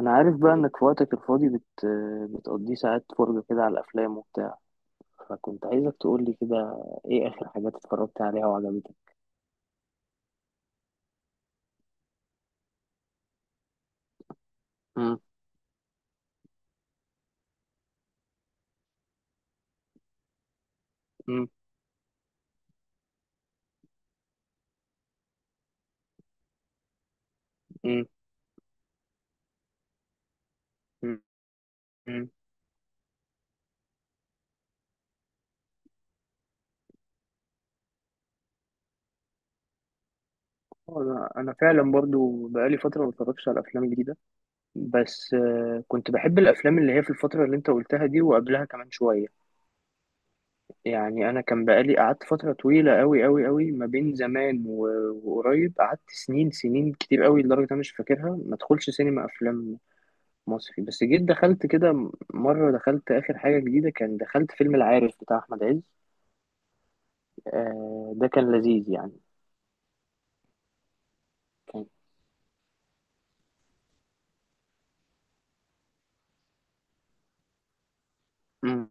انا عارف بقى انك في وقتك الفاضي بتقضيه ساعات فرجة كده على الافلام وبتاع، فكنت عايزك تقولي كده، ايه اخر حاجات اتفرجت عليها وعجبتك؟ مم. مم. مم. مم. مم. انا فعلا برضو بقالي فتره ما اتفرجتش على افلام جديده. بس كنت بحب الافلام اللي هي في الفتره اللي انت قلتها دي وقبلها كمان شويه. يعني انا كان بقالي قعدت فتره طويله قوي قوي قوي ما بين زمان وقريب، قعدت سنين سنين كتير قوي لدرجه انا مش فاكرها ما ادخلش سينما افلام مصري. بس جيت دخلت كده مرة، دخلت آخر حاجة جديدة، كان دخلت فيلم العارف بتاع أحمد عز. آه ده كان لذيذ يعني. كان مم.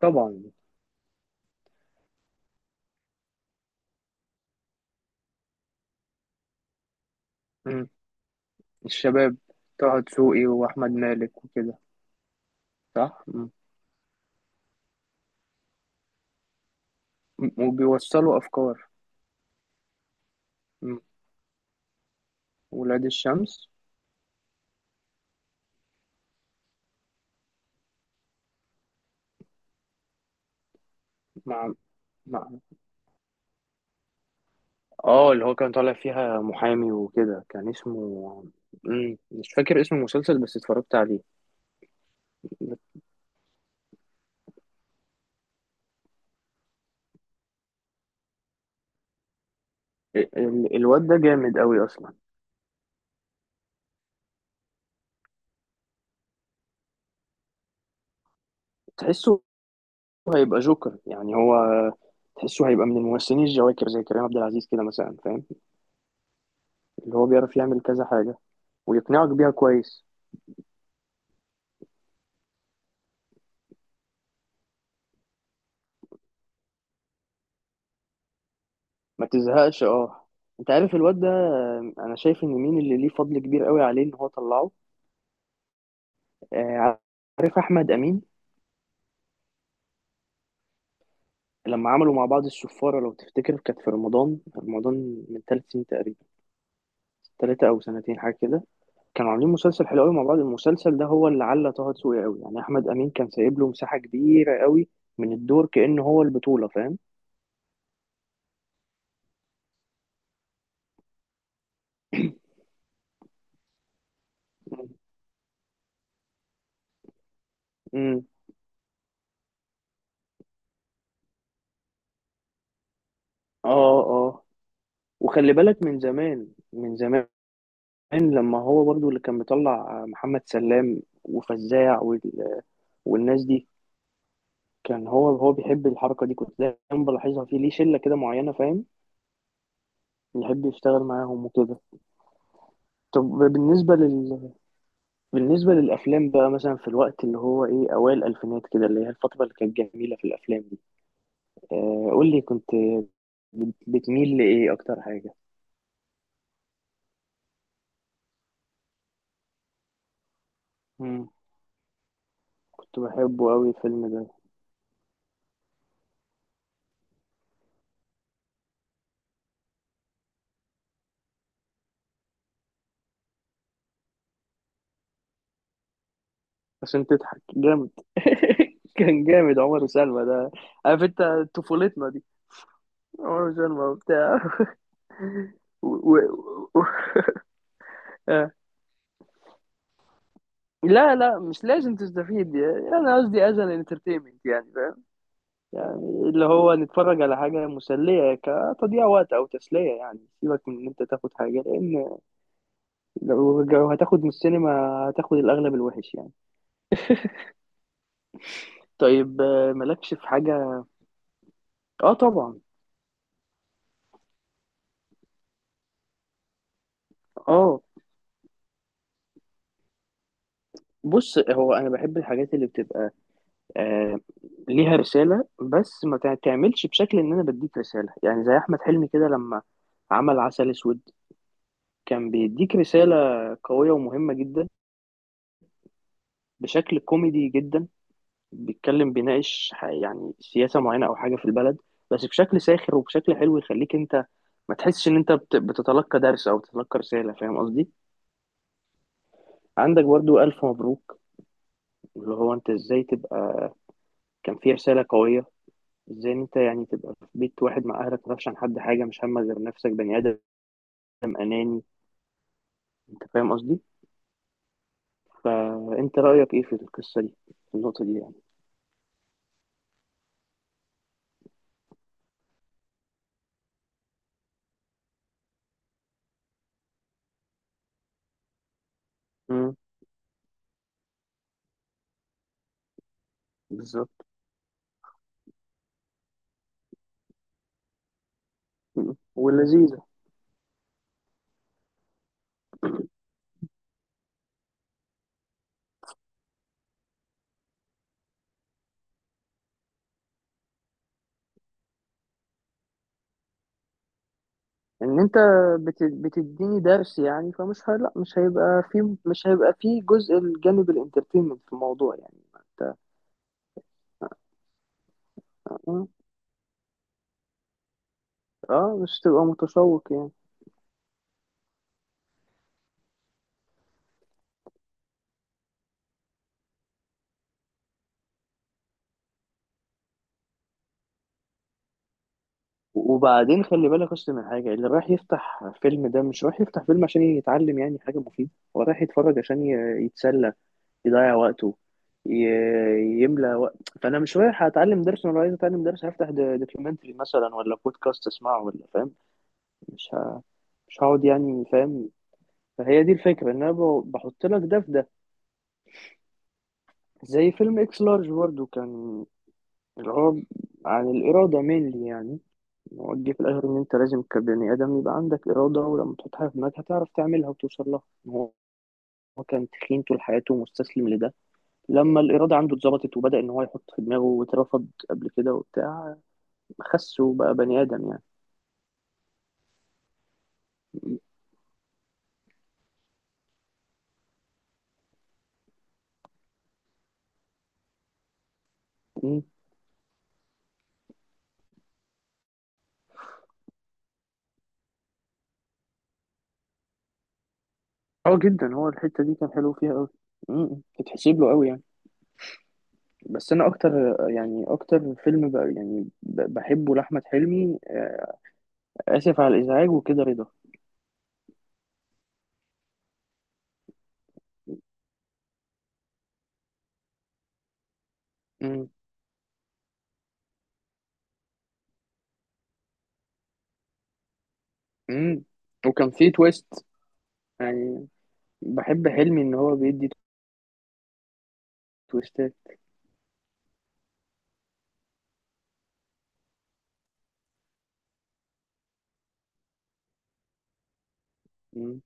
طبعا. مم. الشباب، طه دسوقي وأحمد مالك وكده. صح. مم. وبيوصلوا أفكار. مم. ولاد الشمس. مع. مع. اه، اللي هو كان طالع فيها محامي وكده، كان اسمه مم. مش فاكر اسم المسلسل بس اتفرجت عليه. ال- الواد ده جامد قوي أصلا. تحسه هيبقى جوكر يعني. هو تحسه هيبقى من الممثلين الجواكر، زي كريم عبد العزيز كده مثلا، فاهم؟ اللي هو بيعرف يعمل كذا حاجة ويقنعك بيها كويس. ما تزهقش، اه. انت عارف الواد ده، انا شايف ان مين اللي ليه فضل كبير قوي عليه ان هو طلعه؟ آه، عارف احمد امين. لما عملوا مع بعض السفارة لو تفتكر، كانت في رمضان من 3 سنين تقريبا. 3 او سنتين حاجة كده. كانوا عاملين مسلسل حلو قوي مع بعض. المسلسل ده هو اللي علّى طه دسوقي قوي. يعني احمد امين كان سايب له مساحه كبيره قوي من الدور كأن هو البطوله، فاهم؟ امم. اه، اه، وخلي بالك، من زمان من زمان لما هو برضو اللي كان مطلع محمد سلام وفزاع والناس دي. كان هو هو بيحب الحركه دي، كنت دايما بلاحظها فيه، ليه شله كده معينه، فاهم؟ يحب يشتغل معاهم وكده. طب بالنسبه لل بالنسبة للأفلام بقى، مثلا في الوقت اللي هو إيه، أوائل الألفينات كده، اللي هي الفترة اللي كانت جميلة في الأفلام دي، آه قول لي، كنت بتميل لإيه أكتر حاجة؟ مم. كنت بحبه أوي الفيلم ده. عشان تضحك جامد. كان جامد عمر وسلمى ده. عارف أنت؟ طفولتنا دي، عمر وسلمى وبتاع و... و... و... آه. لا لا مش لازم تستفيد، يعني أنا قصدي أز أن انترتينمنت يعني. يعني اللي هو نتفرج على حاجة مسلية كتضييع وقت أو تسلية، يعني سيبك من إن أنت تاخد حاجة، لأن لو هتاخد من السينما هتاخد الأغلب الوحش يعني. طيب مالكش في حاجة. آه طبعا. آه. بص هو أنا بحب الحاجات اللي بتبقى، آه، ليها رسالة، بس ما تعملش بشكل إن أنا بديك رسالة. يعني زي أحمد حلمي كده لما عمل عسل أسود، كان بيديك رسالة قوية ومهمة جدا بشكل كوميدي جدا. بيتكلم، بيناقش ح- يعني سياسة معينة أو حاجة في البلد، بس بشكل ساخر وبشكل حلو، يخليك أنت ما تحسش إن أنت بتتلقى درس أو بتتلقى رسالة، فاهم قصدي؟ عندك برضو ألف مبروك، اللي هو أنت إزاي تبقى، كان فيه رسالة قوية إزاي إن أنت يعني تبقى في بيت واحد مع أهلك ما تعرفش عن حد حاجة، مش همك غير نفسك، بني آدم أناني، أنت فاهم قصدي؟ فأنت رأيك إيه في القصة دي، في النقطة دي يعني؟ امم. بالظبط. مم. ولذيذة. ان انت بتديني درس يعني، فمش هي... لا مش هيبقى في، مش هيبقى في جزء، الجانب الانترتينمنت في الموضوع يعني انت. اه مش تبقى متشوق يعني. وبعدين خلي بالك، اصل من حاجه، اللي رايح يفتح فيلم ده مش رايح يفتح فيلم عشان يتعلم يعني حاجه مفيده، هو رايح يتفرج عشان يتسلى، يضيع وقته، يملى وقت. فانا مش رايح اتعلم درس. انا عايز اتعلم درس، هفتح دوكيومنتري مثلا ولا بودكاست اسمعه، ولا فاهم مش ه... مش هقعد يعني، فاهم؟ فهي دي الفكرة، ان انا بحط لك ده في ده. زي فيلم اكس لارج برضه كان، اللي هو عن الإرادة مينلي يعني. هو جه في الآخر إن أنت لازم كبني آدم يبقى عندك إرادة، ولما تحط حاجة في دماغك هتعرف تعملها وتوصل لها. إن هو، هو كان تخين طول حياته ومستسلم لده، لما الإرادة عنده اتظبطت وبدأ إن هو يحط في دماغه، واترفض قبل كده وبتاع، خس وبقى بني آدم يعني. م- م. اه جدا. هو الحتة دي كان حلو فيها أوي. م- م. تتحسب له أوي يعني. بس انا اكتر، يعني اكتر فيلم بقى يعني بحبه لاحمد حلمي، اسف على الازعاج وكده، رضا. امم امم وكان فيه تويست يعني. بحب حلمي ان هو بيدي تويستات. مم.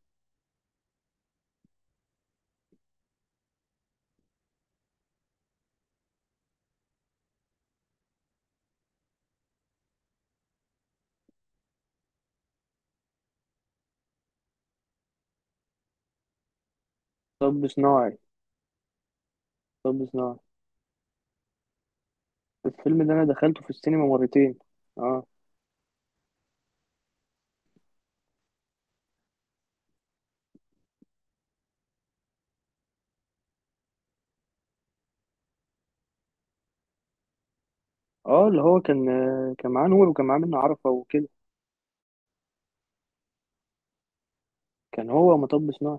طب صناعي. طب صناعي، الفيلم ده انا دخلته في السينما مرتين. اه اه. اللي هو كان كان معاه نور وكان معاه منة عرفة وكده. كان هو مطب صناعي.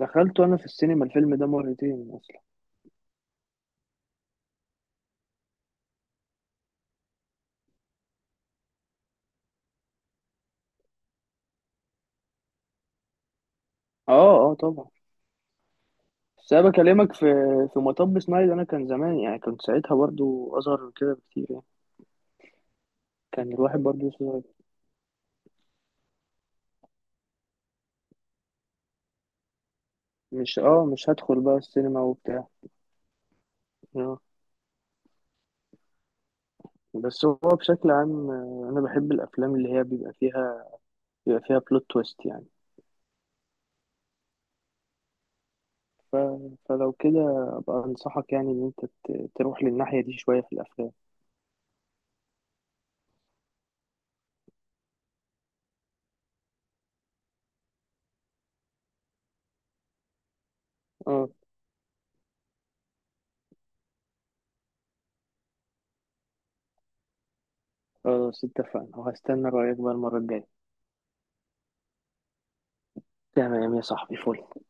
دخلته انا في السينما الفيلم ده مرتين اصلا. اه اه طبعا. بس انا بكلمك في مطب سنايد، انا كان زمان يعني، كنت ساعتها برضو اصغر من كده بكتير يعني. كان الواحد برضو صغير. مش هدخل بقى السينما وبتاع. آه. بس هو بشكل عام انا بحب الافلام اللي هي بيبقى فيها بلوت تويست يعني. ف... فلو كده ابقى انصحك، يعني ان انت تروح للناحية دي شوية في الافلام. اه خلاص، اتفقنا، وهستنى رأيك بقى المرة الجاية. تمام يا صاحبي، فل